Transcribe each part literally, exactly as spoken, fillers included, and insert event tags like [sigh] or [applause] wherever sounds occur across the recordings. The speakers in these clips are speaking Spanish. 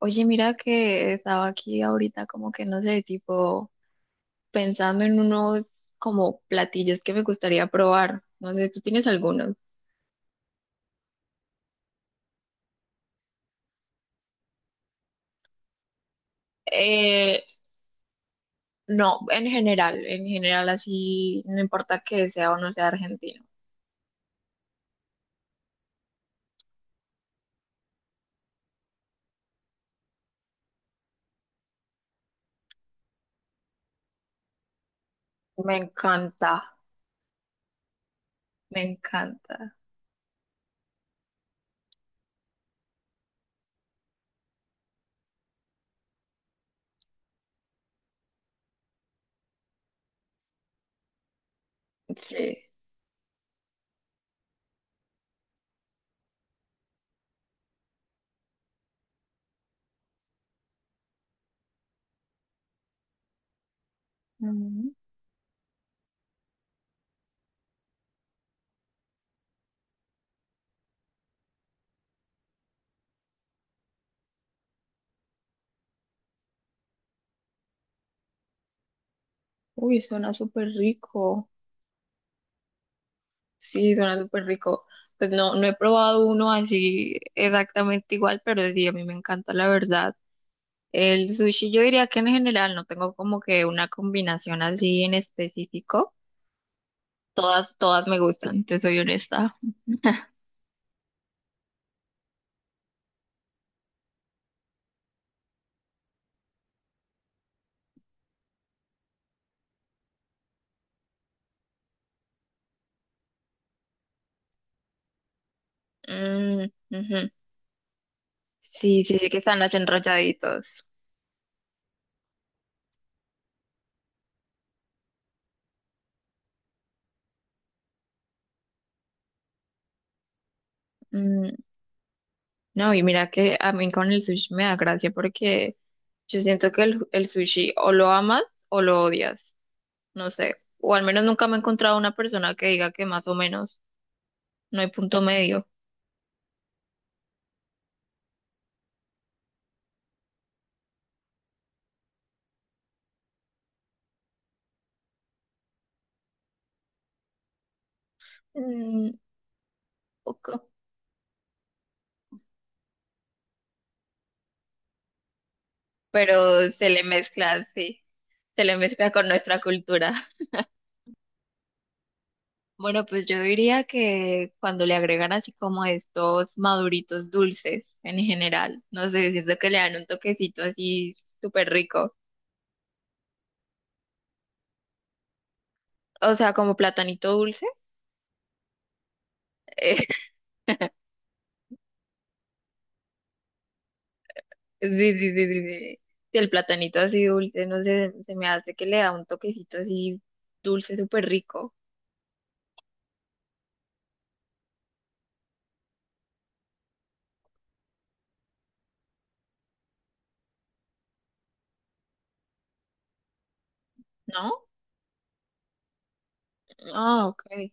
Oye, mira que estaba aquí ahorita como que no sé, tipo pensando en unos como platillos que me gustaría probar. No sé, ¿tú tienes algunos? Eh, no, en general, en general así, no importa que sea o no sea argentino. Me encanta, me encanta. Sí. Mm. Uy, suena súper rico. Sí, suena súper rico. Pues no, no he probado uno así exactamente igual, pero sí, a mí me encanta, la verdad. El sushi, yo diría que en general no tengo como que una combinación así en específico. Todas, todas me gustan, te soy honesta. Mm, ujú. Sí, sí, sí que están las enrolladitos. Mm, no, y mira que a mí con el sushi me da gracia porque yo siento que el, el sushi o lo amas o lo odias, no sé. O al menos nunca me he encontrado una persona que diga que más o menos, no hay punto medio. Mm, ok. Pero se le mezcla, sí, se le mezcla con nuestra cultura. Bueno, pues yo diría que cuando le agregan así como estos maduritos dulces en general, no sé, siento que le dan un toquecito así súper rico. O sea, como platanito dulce. [laughs] eh, sí, sí, sí, sí, sí. Sí, el platanito así dulce, no sé, se me hace que le da un toquecito así dulce súper rico, ¿no? Ah, ok.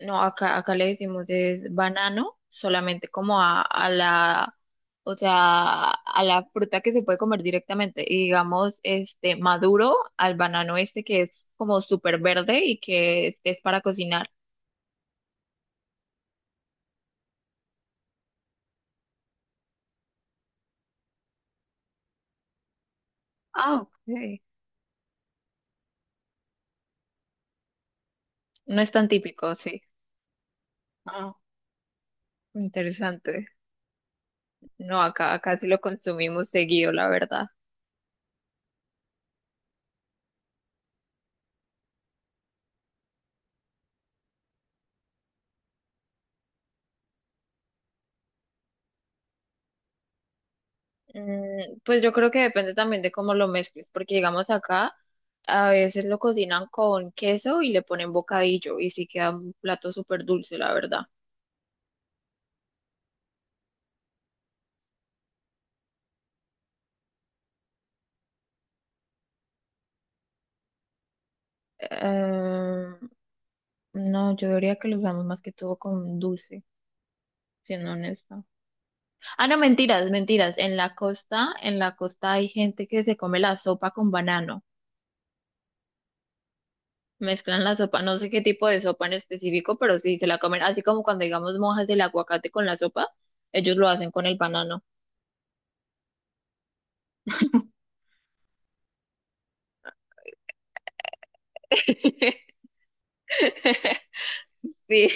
No, acá, acá le decimos es banano, solamente como a, a la, o sea, a la fruta que se puede comer directamente. Y digamos, este maduro al banano este que es como súper verde y que es, es para cocinar. Ah, ok. No es tan típico, sí. Ah, interesante. No, acá, acá sí lo consumimos seguido, la verdad. Mm, pues yo creo que depende también de cómo lo mezcles, porque digamos acá a veces lo cocinan con queso y le ponen bocadillo y sí queda un plato súper dulce, la verdad. Eh, no, yo diría que lo usamos más que todo con dulce, siendo honesta. Ah, no, mentiras, mentiras. En la costa, en la costa hay gente que se come la sopa con banano. Mezclan la sopa, no sé qué tipo de sopa en específico, pero sí se la comen, así como cuando digamos mojas del aguacate con la sopa, ellos lo hacen con el banano. [laughs] [laughs] Sí,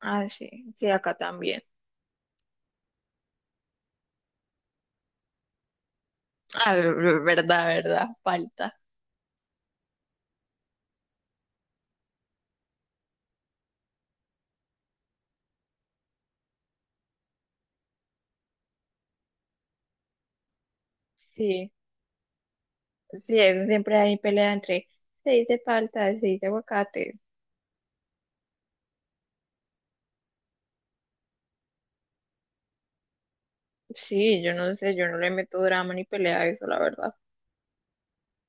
ah, sí, sí, acá también. Ah, ver- verdad, verdad, falta. Sí, sí, eso siempre hay pelea entre se dice falta, se dice aguacate. Sí, yo no sé, yo no le meto drama ni pelea a eso, la verdad.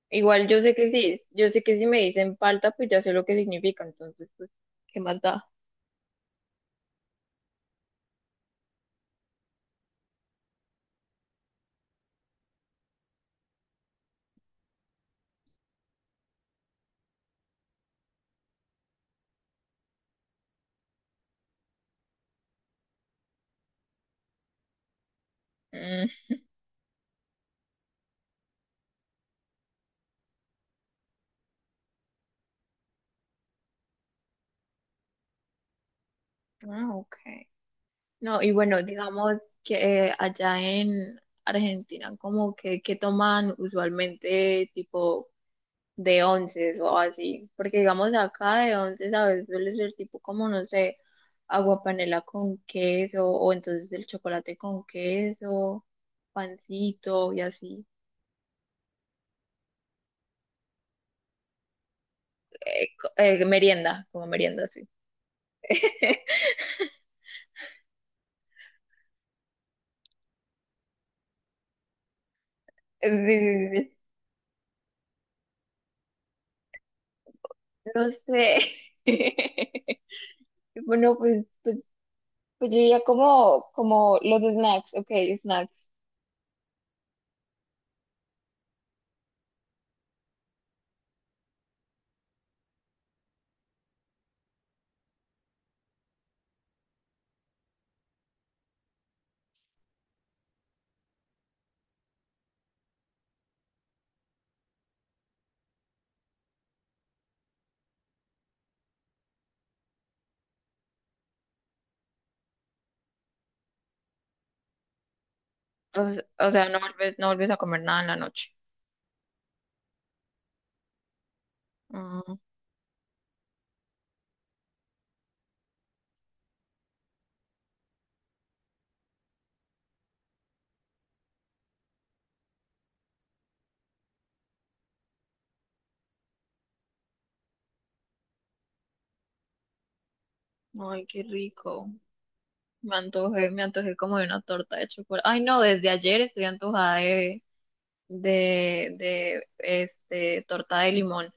Igual yo sé que sí, yo sé que si me dicen falta, pues ya sé lo que significa, entonces, pues, ¿qué más da? Mm, ah, ok. No, y bueno, digamos que eh, allá en Argentina, como que, que toman usualmente, tipo de once o así, porque digamos acá de once a veces suele ser tipo como, no sé, agua panela con queso o entonces el chocolate con queso, pancito y así. Eh, co- eh, merienda, como merienda, sí. [laughs] Sí, sí, sí. No sé. [laughs] Bueno, pues, pues, pues yo diría como, como los snacks, ok, snacks. O, o sea, no vuelves, no vuelves a comer nada en la noche. Mm, ay, qué rico. Me antojé, me antojé como de una torta de chocolate. Ay, no, desde ayer estoy antojada de, de, de este, torta de limón,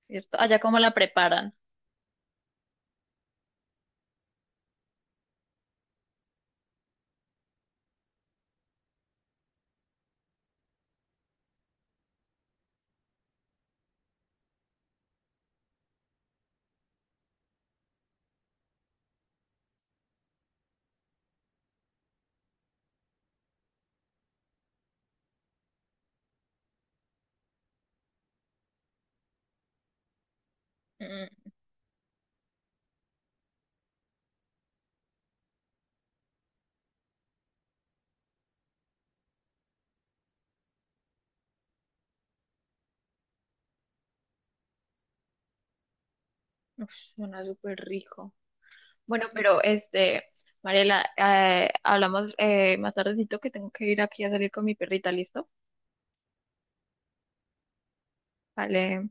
¿cierto? Allá cómo la preparan. Mm, uf, suena súper rico. Bueno, pero este, Mariela, eh, hablamos eh, más tardecito que tengo que ir aquí a salir con mi perrita, ¿listo? Vale.